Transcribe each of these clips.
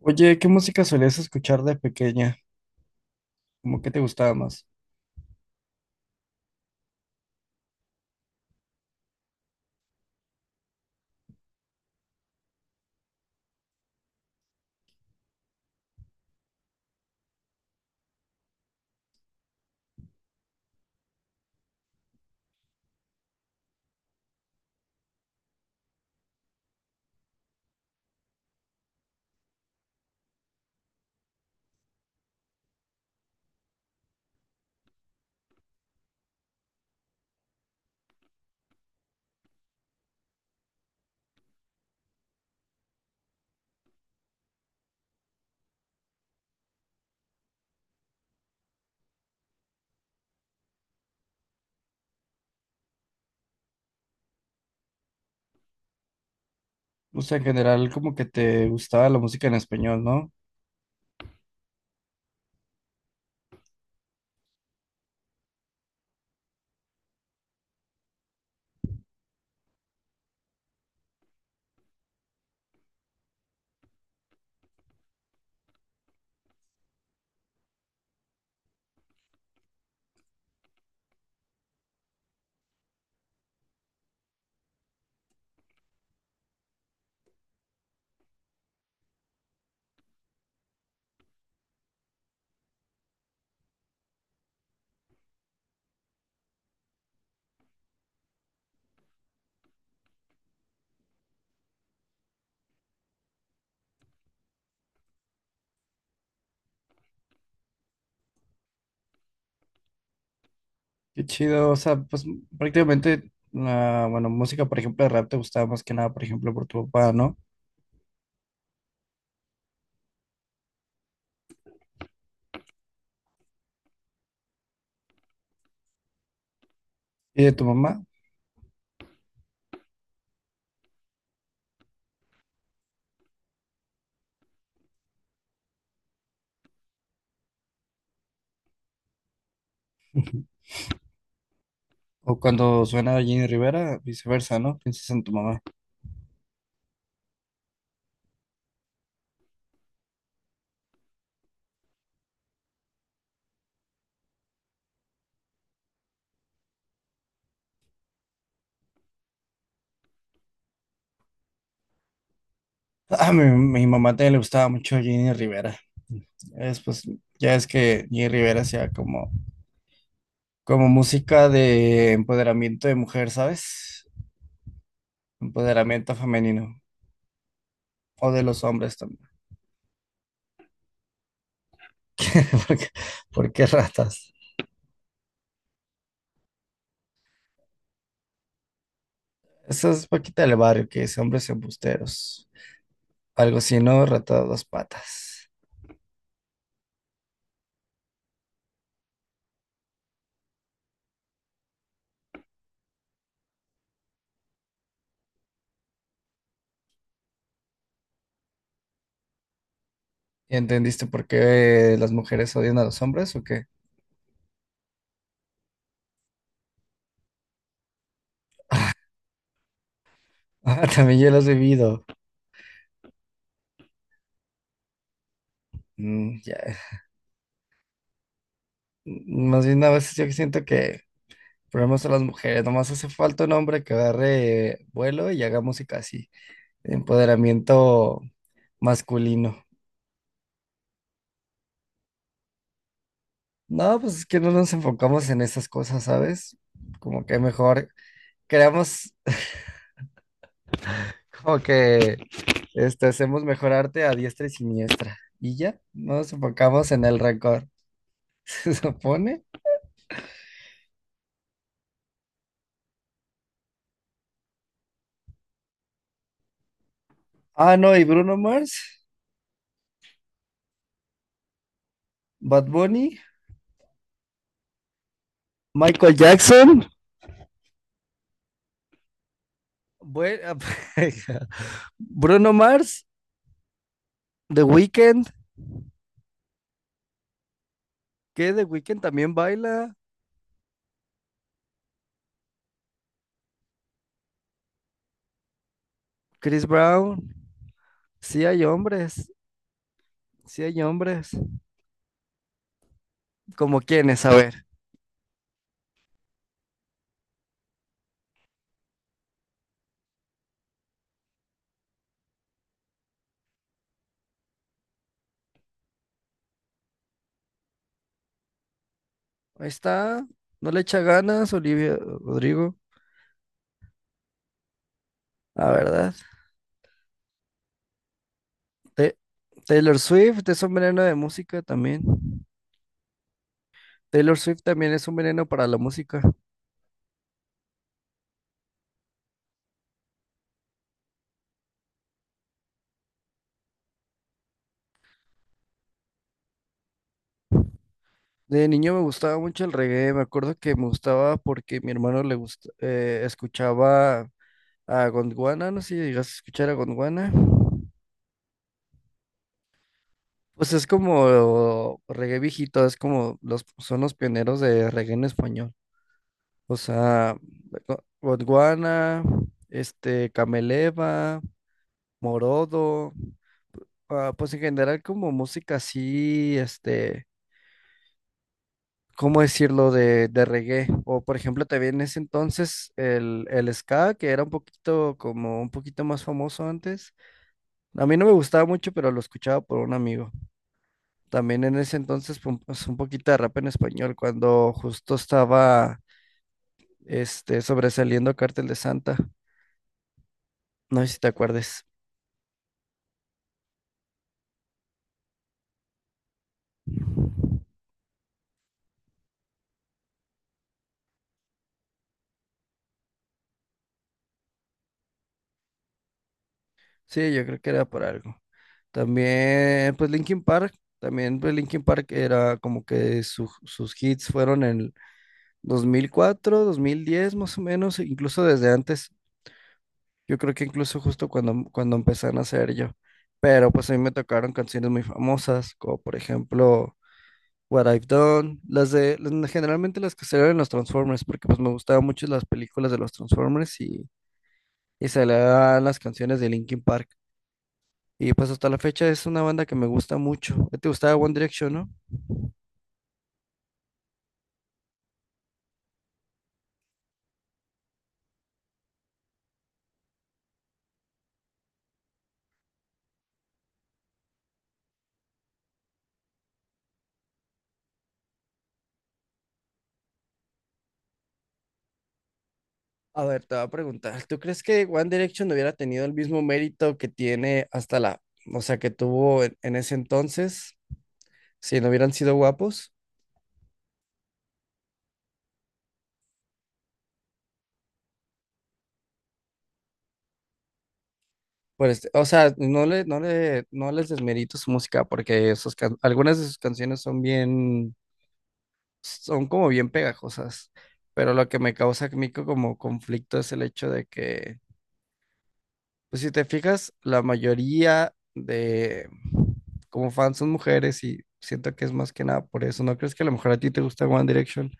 Oye, ¿qué música solías escuchar de pequeña? ¿Cómo que te gustaba más? O sea, en general, como que te gustaba la música en español, ¿no? Qué chido, o sea, pues prácticamente, la, bueno, música, por ejemplo, de rap te gustaba más que nada, por ejemplo, por tu papá, ¿no? Y de tu mamá. Ujú. O cuando suena Jenny Rivera, viceversa, ¿no? Piensas en tu mamá. A mi mamá también le gustaba mucho Jenny Rivera. Es, pues, ya es que Jenny Rivera hacía como, como música de empoderamiento de mujer, ¿sabes? Empoderamiento femenino. O de los hombres también. ¿Por qué, por qué ratas? Eso es Paquita del Barrio, que es hombres embusteros. Algo así, ¿no? Rata de dos patas. ¿Y entendiste por qué las mujeres odian a los hombres o qué? Ah, también yo lo he vivido. Mm, ya. Mm, más bien a veces yo siento que problemas a las mujeres. Nomás hace falta un hombre que agarre vuelo y haga música así. Empoderamiento masculino. No, pues es que no nos enfocamos en esas cosas, ¿sabes? Como que mejor creamos como que hacemos mejor arte a diestra y siniestra. Y ya, no nos enfocamos en el rencor. Se supone. Ah, no, y Bruno Mars, Bad Bunny, Michael Jackson, bue- Bruno Mars, The Weeknd, que The Weeknd también baila, Chris Brown. Sí hay hombres, sí hay hombres. ¿Como quiénes? A ver. Ahí está. No le echa ganas, Olivia Rodrigo. La verdad. Te- Taylor Swift es un veneno de música también. Taylor Swift también es un veneno para la música. De niño me gustaba mucho el reggae, me acuerdo que me gustaba porque mi hermano le gusta, escuchaba a Gondwana, no sé si llegas a escuchar a Gondwana. Pues es como reggae viejito, es como los, son los pioneros de reggae en español. O sea, Gondwana, Cameleva, Morodo. Ah, pues en general como música así, ¿cómo decirlo? De reggae. O por ejemplo también en ese entonces el ska, que era un poquito como un poquito más famoso antes. A mí no me gustaba mucho, pero lo escuchaba por un amigo. También en ese entonces pum, pues, un poquito de rap en español, cuando justo estaba sobresaliendo Cártel de Santa. No sé si te acuerdes. Sí, yo creo que era por algo. También, pues Linkin Park, también pues Linkin Park era como que sus hits fueron en el 2004, 2010 más o menos, e incluso desde antes. Yo creo que incluso justo cuando empezaron a hacer yo. Pero pues a mí me tocaron canciones muy famosas, como por ejemplo What I've Done, generalmente las que salieron en los Transformers, porque pues me gustaban mucho las películas de los Transformers y salían las canciones de Linkin Park. Y pues hasta la fecha es una banda que me gusta mucho. ¿Te gustaba One Direction, no? A ver, te voy a preguntar, ¿tú crees que One Direction hubiera tenido el mismo mérito que tiene hasta la, o sea, que tuvo en ese entonces, si no hubieran sido guapos? Pues, o sea, no les desmerito su música porque algunas de sus canciones son bien, son como bien pegajosas, pero lo que me causa a mí como conflicto es el hecho de que pues si te fijas, la mayoría de como fans son mujeres y siento que es más que nada por eso. ¿No crees que a lo mejor a ti te gusta One Direction?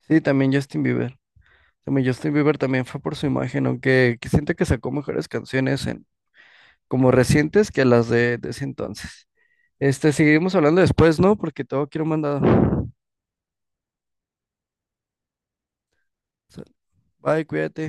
Sí, también Justin Bieber. También Justin Bieber también fue por su imagen, aunque que siento que sacó mejores canciones en como recientes que las de ese entonces. Seguimos hablando después, ¿no? Porque tengo que ir a un mandado. Sal- Bye, cuídate.